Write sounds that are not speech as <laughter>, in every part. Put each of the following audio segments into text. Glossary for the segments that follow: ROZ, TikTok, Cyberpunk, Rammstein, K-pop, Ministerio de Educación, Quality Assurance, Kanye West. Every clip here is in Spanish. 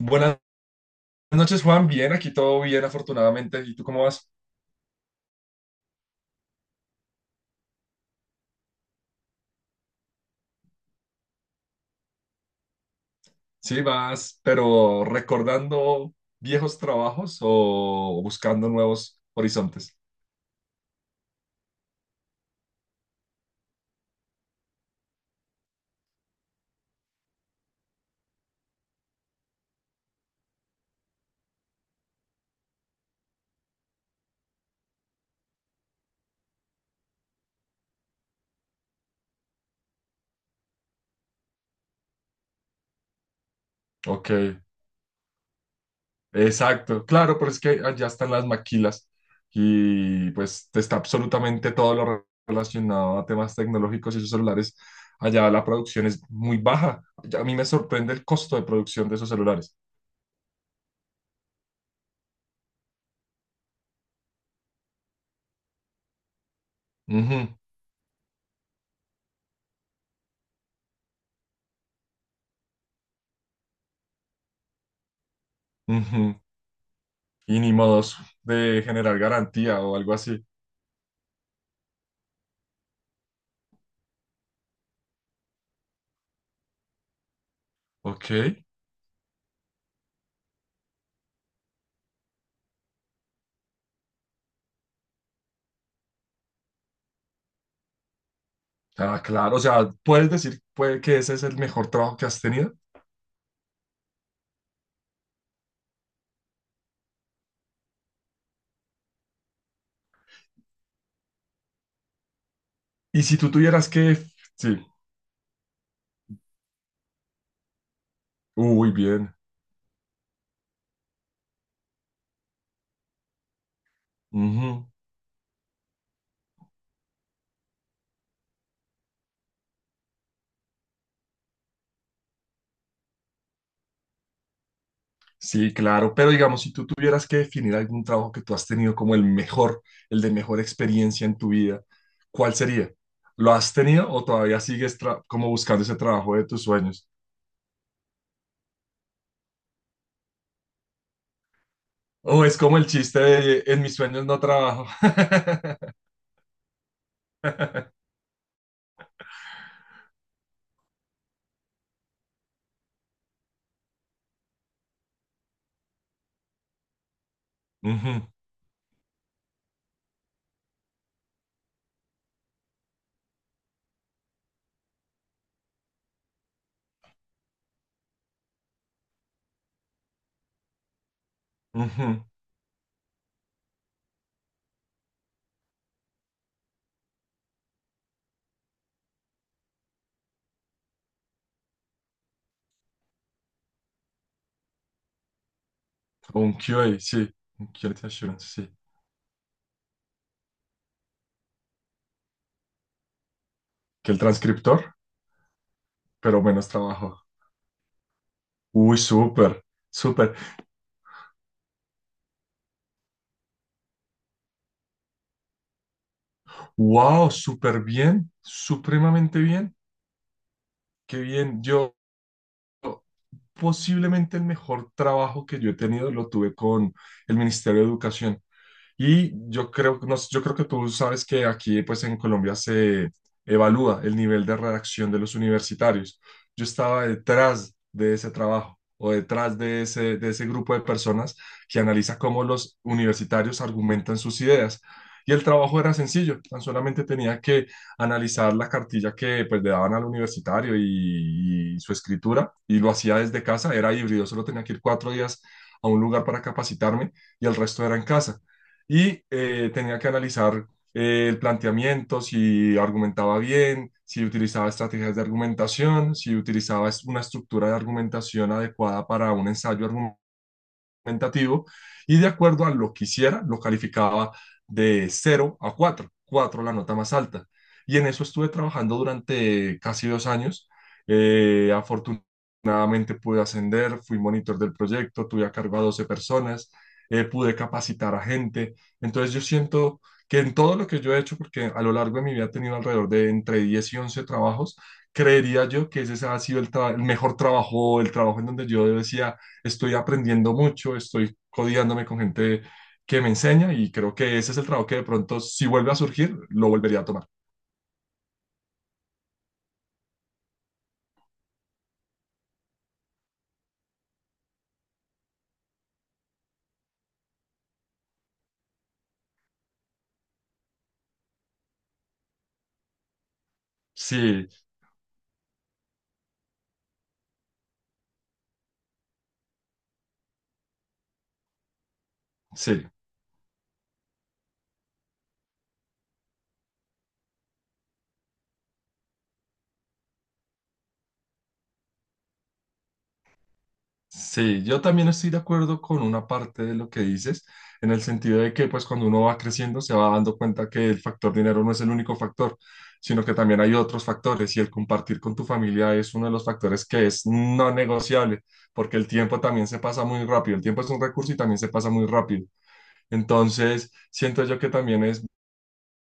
Buenas noches, Juan. Bien, aquí todo bien, afortunadamente. ¿Y tú cómo vas? Sí, vas, pero recordando viejos trabajos o buscando nuevos horizontes. Ok, exacto. Claro, pero es que allá están las maquilas y pues está absolutamente todo lo relacionado a temas tecnológicos y esos celulares. Allá la producción es muy baja. Ya A mí me sorprende el costo de producción de esos celulares. Ujú, ujú. Y ni modos de generar garantía o algo así. Ok. Ah, claro, o sea, puedes decir puede que ese es el mejor trabajo que has tenido. Y si tú tuvieras que, sí, uy, bien. Ujú. Sí, claro, pero digamos, si tú tuvieras que definir algún trabajo que tú has tenido como el mejor, el de mejor experiencia en tu vida, ¿cuál sería? ¿Lo has tenido o todavía sigues como buscando ese trabajo de tus sueños? O es como el chiste de en mis sueños no trabajo. <laughs> Ujú, ujú. O un QA, sí, un Quality Assurance, sí. ¿Que el transcriptor? Pero menos trabajo. Uy, súper, súper. Wow, súper bien, supremamente bien. Qué bien. Yo, posiblemente el mejor trabajo que yo he tenido lo tuve con el Ministerio de Educación. Y yo creo, no sé, yo creo que tú sabes que aquí, pues en Colombia se evalúa el nivel de redacción de los universitarios. Yo estaba detrás de ese trabajo o detrás de ese grupo de personas que analiza cómo los universitarios argumentan sus ideas. Y el trabajo era sencillo, tan solamente tenía que analizar la cartilla que pues, le daban al universitario y su escritura, y lo hacía desde casa, era híbrido, solo tenía que ir cuatro días a un lugar para capacitarme y el resto era en casa y tenía que analizar el planteamiento, si argumentaba bien, si utilizaba estrategias de argumentación, si utilizaba una estructura de argumentación adecuada para un ensayo tentativo y de acuerdo a lo que hiciera, lo calificaba de 0 a 4, 4 la nota más alta. Y en eso estuve trabajando durante casi 2 años. Afortunadamente pude ascender, fui monitor del proyecto, tuve a cargo a 12 personas, pude capacitar a gente. Entonces yo siento que en todo lo que yo he hecho, porque a lo largo de mi vida he tenido alrededor de entre 10 y 11 trabajos, creería yo que ese ha sido el, el mejor trabajo, el trabajo en donde yo decía, estoy aprendiendo mucho, estoy codiándome con gente que me enseña y creo que ese es el trabajo que de pronto, si vuelve a surgir, lo volvería a tomar. Sí, sí, sí, yo también estoy de acuerdo con una parte de lo que dices, en el sentido de que pues cuando uno va creciendo se va dando cuenta que el factor dinero no es el único factor, sino que también hay otros factores y el compartir con tu familia es uno de los factores que es no negociable, porque el tiempo también se pasa muy rápido, el tiempo es un recurso y también se pasa muy rápido. Entonces, siento yo que también es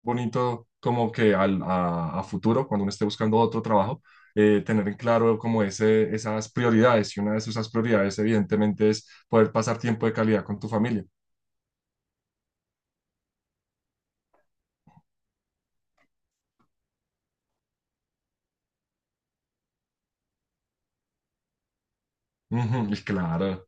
bonito como que a futuro, cuando uno esté buscando otro trabajo, tener en claro como esas prioridades. Y una de esas prioridades, evidentemente, es poder pasar tiempo de calidad con tu familia. Ujú, y claro,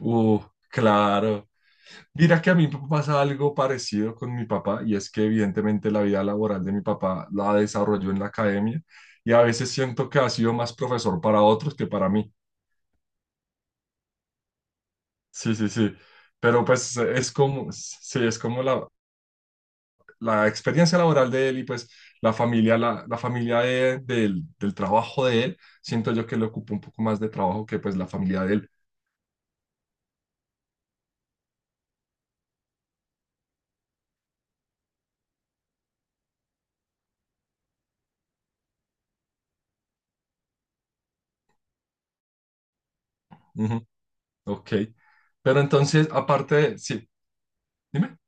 uh, claro. Mira que a mí me pasa algo parecido con mi papá, y es que evidentemente la vida laboral de mi papá la desarrolló en la academia, y a veces siento que ha sido más profesor para otros que para mí. Sí, sí, sí. Pero pues es como, sí, es como la experiencia laboral de él y pues la familia del trabajo de él, siento yo que le ocupa un poco más de trabajo que pues la familia de él. Ujú, ok. Pero entonces, aparte, sí, dime.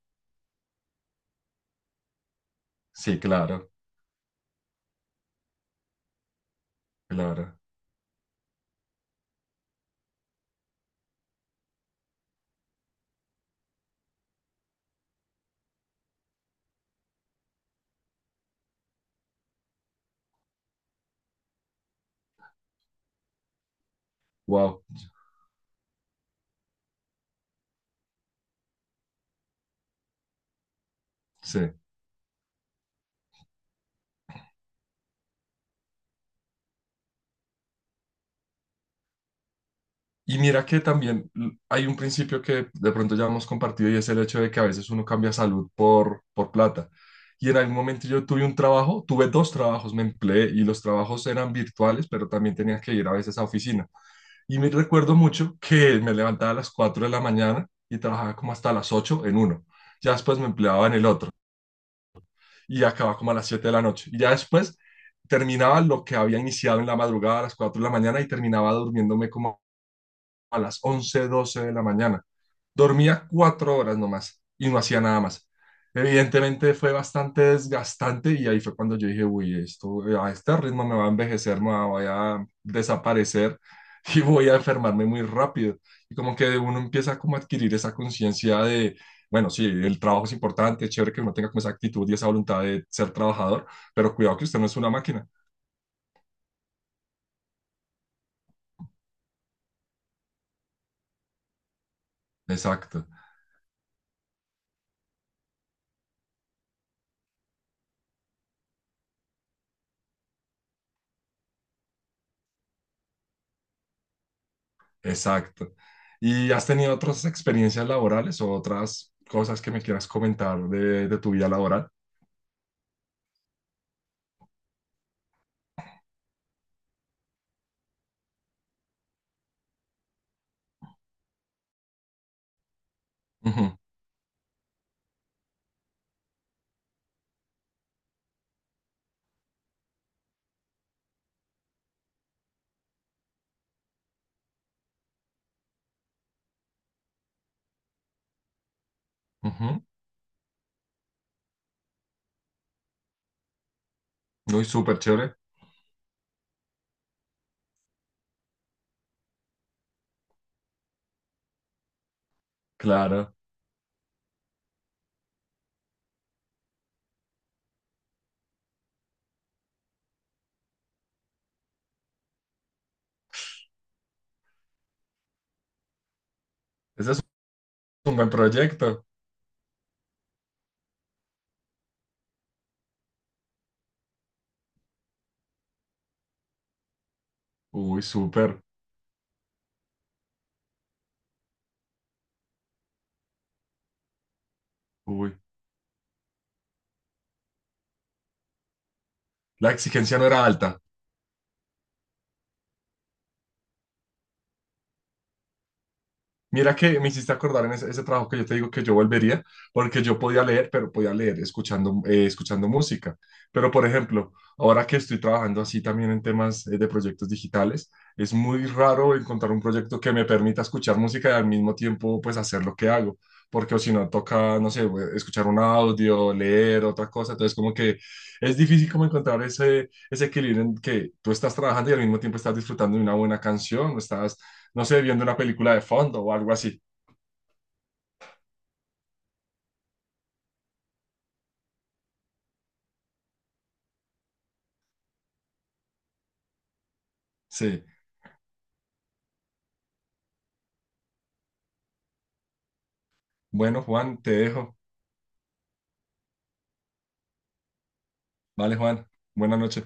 Sí, claro, claro. Wow, sí. Y mira que también hay un principio que de pronto ya hemos compartido y es el hecho de que a veces uno cambia salud por plata. Y en algún momento yo tuve un trabajo, tuve dos trabajos, me empleé y los trabajos eran virtuales, pero también tenía que ir a veces a oficina. Y me recuerdo mucho que me levantaba a las 4 de la mañana y trabajaba como hasta las 8 en uno. Ya después me empleaba en el otro y acababa como a las 7 de la noche. Y ya después terminaba lo que había iniciado en la madrugada a las 4 de la mañana y terminaba durmiéndome como a las 11 12 de la mañana. Dormía 4 horas nomás y no hacía nada más. Evidentemente fue bastante desgastante y ahí fue cuando yo dije, uy, esto a este ritmo me va a envejecer, voy a desaparecer <laughs> y voy a enfermarme muy rápido. Y como que uno empieza como a adquirir esa conciencia de, bueno, sí, el trabajo es importante, es chévere que uno tenga como esa actitud y esa voluntad de ser trabajador, pero cuidado que usted no es una máquina. Exacto. Exacto. ¿Y has tenido otras experiencias laborales o otras cosas que me quieras comentar de tu vida laboral? Ujú, ujú. Uy, súper chévere. Claro. Ese es un buen proyecto. Uy, súper. Uy. La exigencia no era alta. Mira que me hiciste acordar en ese trabajo que yo te digo que yo volvería, porque yo podía leer, pero podía leer escuchando, escuchando música. Pero, por ejemplo, ahora que estoy trabajando así también en temas de proyectos digitales, es muy raro encontrar un proyecto que me permita escuchar música y al mismo tiempo, pues, hacer lo que hago. Porque o si no, toca, no sé, escuchar un audio, leer otra cosa. Entonces, como que es difícil como encontrar ese equilibrio en que tú estás trabajando y al mismo tiempo estás disfrutando de una buena canción, estás no sé, viendo una película de fondo o algo así. Sí. Bueno, Juan, te dejo. Vale, Juan. Buenas noches.